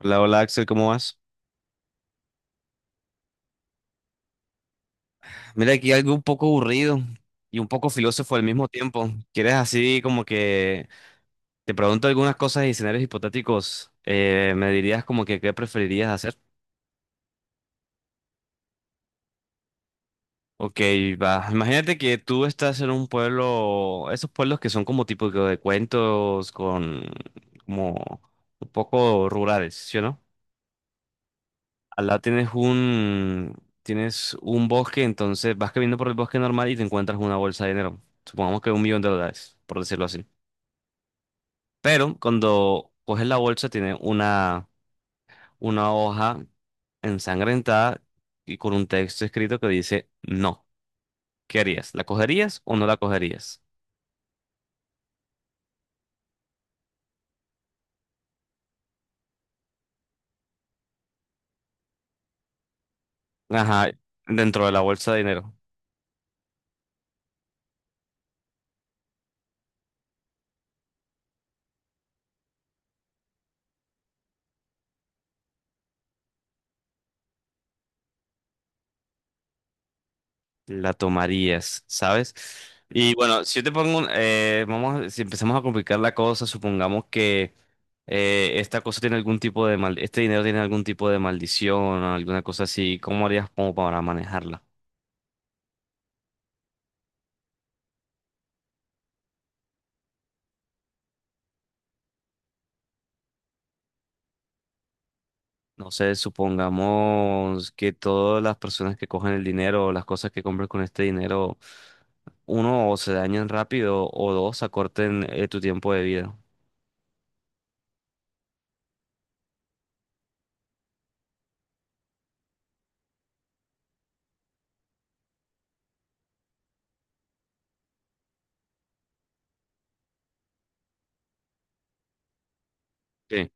Hola, hola Axel, ¿cómo vas? Mira, aquí algo un poco aburrido y un poco filósofo al mismo tiempo. ¿Quieres así como que te pregunto algunas cosas y escenarios hipotéticos? ¿Me dirías como que qué preferirías hacer? Ok, va. Imagínate que tú estás en un pueblo, esos pueblos que son como tipo de cuentos con como un poco rurales, ¿sí o no? Al lado tienes un bosque, entonces vas caminando por el bosque normal y te encuentras una bolsa de dinero. Supongamos que 1 millón de dólares, por decirlo así. Pero cuando coges la bolsa tiene una hoja ensangrentada y con un texto escrito que dice no. ¿Qué harías? ¿La cogerías o no la cogerías? Ajá, dentro de la bolsa de dinero. La tomarías, ¿sabes? Y bueno, si yo te pongo vamos, si empezamos a complicar la cosa, supongamos que esta cosa tiene algún tipo de mal, este dinero tiene algún tipo de maldición o alguna cosa así, ¿cómo harías como para manejarla? No sé, supongamos que todas las personas que cogen el dinero o las cosas que compren con este dinero, uno, o se dañen rápido, o dos, acorten tu tiempo de vida. Sí.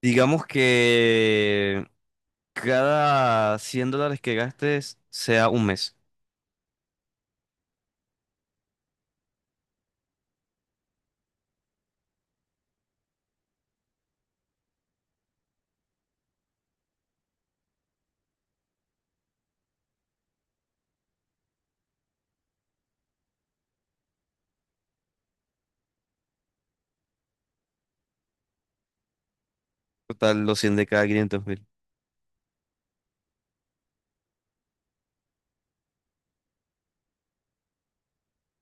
Digamos que cada 100 dólares que gastes sea un mes. Total, los 100 de cada 500.000.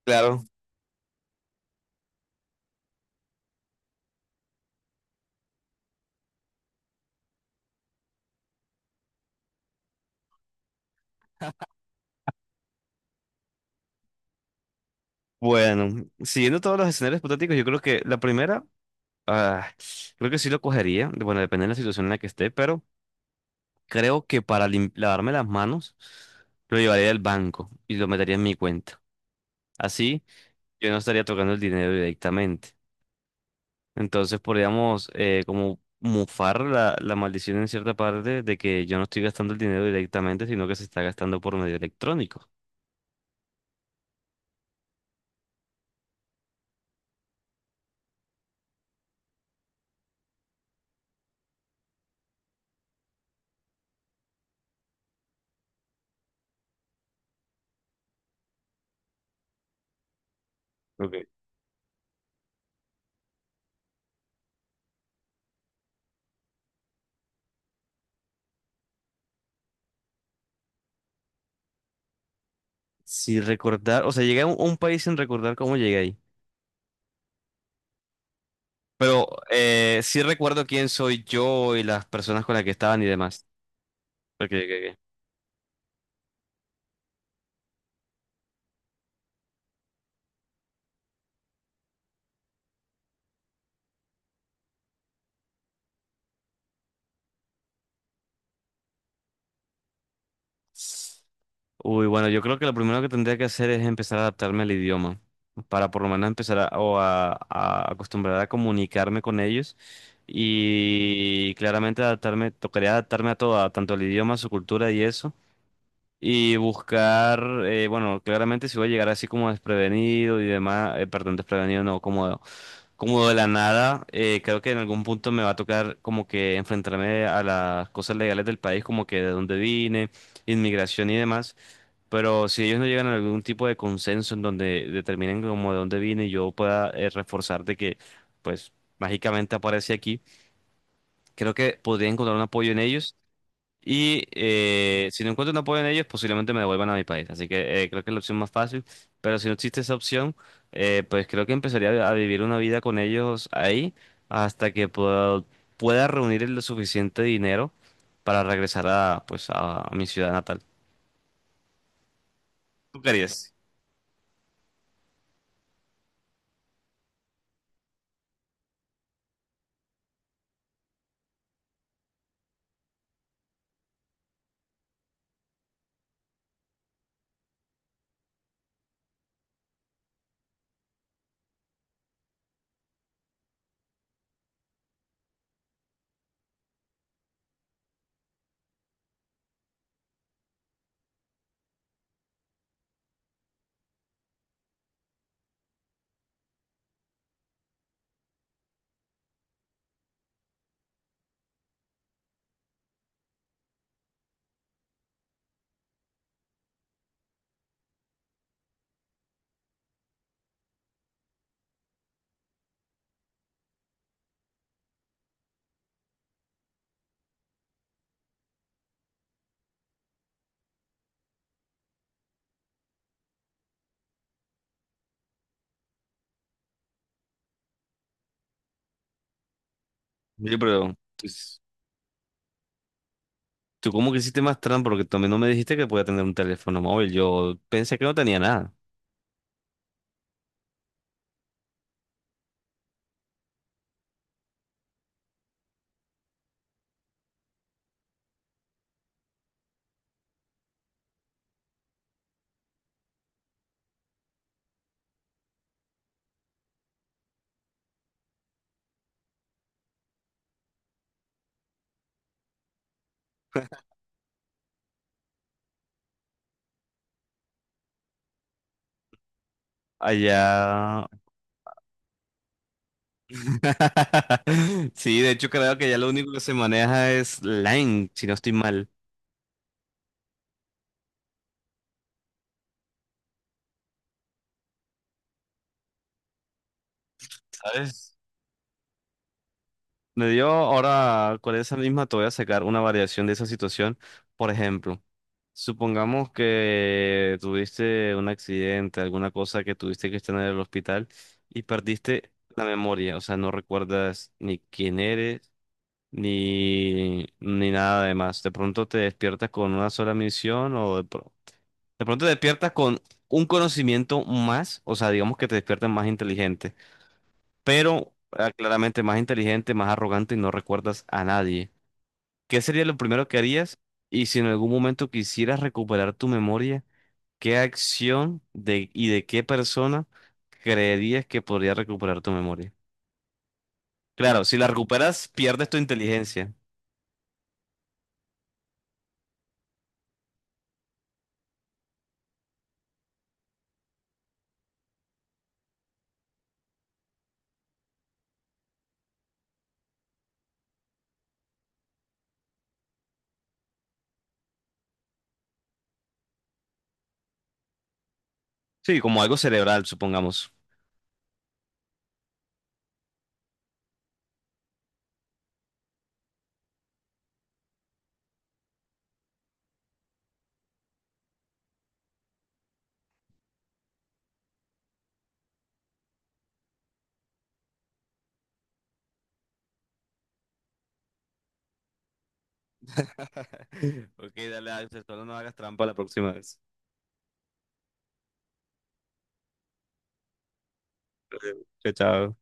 Claro. Bueno, siguiendo todos los escenarios hipotéticos, yo creo que la primera, ah, creo que sí lo cogería. Bueno, depende de la situación en la que esté, pero creo que para lim- lavarme las manos lo llevaría al banco y lo metería en mi cuenta. Así yo no estaría tocando el dinero directamente. Entonces podríamos como mufar la maldición en cierta parte de que yo no estoy gastando el dinero directamente, sino que se está gastando por medio electrónico. Ok. Si recordar, o sea, llegué a un país sin recordar cómo llegué ahí. Pero sí recuerdo quién soy yo y las personas con las que estaban y demás. Porque llegué. Uy, bueno, yo creo que lo primero que tendría que hacer es empezar a adaptarme al idioma, para por lo menos empezar a acostumbrar a comunicarme con ellos y claramente adaptarme, tocaría adaptarme a todo, a tanto el idioma, su cultura y eso. Y buscar, bueno, claramente si voy a llegar así como desprevenido y demás, perdón, desprevenido no, como de la nada, creo que en algún punto me va a tocar como que enfrentarme a las cosas legales del país, como que de dónde vine, inmigración y demás. Pero si ellos no llegan a algún tipo de consenso en donde determinen como de dónde vine y yo pueda reforzar de que, pues, mágicamente aparece aquí, creo que podría encontrar un apoyo en ellos. Y si no encuentro un apoyo en ellos, posiblemente me devuelvan a mi país. Así que creo que es la opción más fácil. Pero si no existe esa opción, pues creo que empezaría a vivir una vida con ellos ahí hasta que pueda reunir el suficiente dinero para regresar pues a mi ciudad natal. ¿Tú qué harías? Yo, pero pues, tú cómo que hiciste más trampa porque también no me dijiste que podía tener un teléfono móvil. Yo pensé que no tenía nada. Allá. Sí, de hecho creo que ya lo único que se maneja es Line, si no estoy mal, ¿sabes? Me dio ahora con esa misma te voy a sacar una variación de esa situación. Por ejemplo, supongamos que tuviste un accidente, alguna cosa que tuviste que estar en el hospital y perdiste la memoria, o sea, no recuerdas ni quién eres. Ni nada de más. De pronto te despiertas con una sola misión de pronto te despiertas con un conocimiento más, o sea, digamos que te despiertas más inteligente, pero claramente más inteligente, más arrogante y no recuerdas a nadie. ¿Qué sería lo primero que harías? Y si en algún momento quisieras recuperar tu memoria, ¿qué acción y de qué persona creerías que podría recuperar tu memoria? Claro, si la recuperas, pierdes tu inteligencia. Sí, como algo cerebral, supongamos. Ok, dale, Axel, solo no hagas trampa la próxima vez. Chao, chao.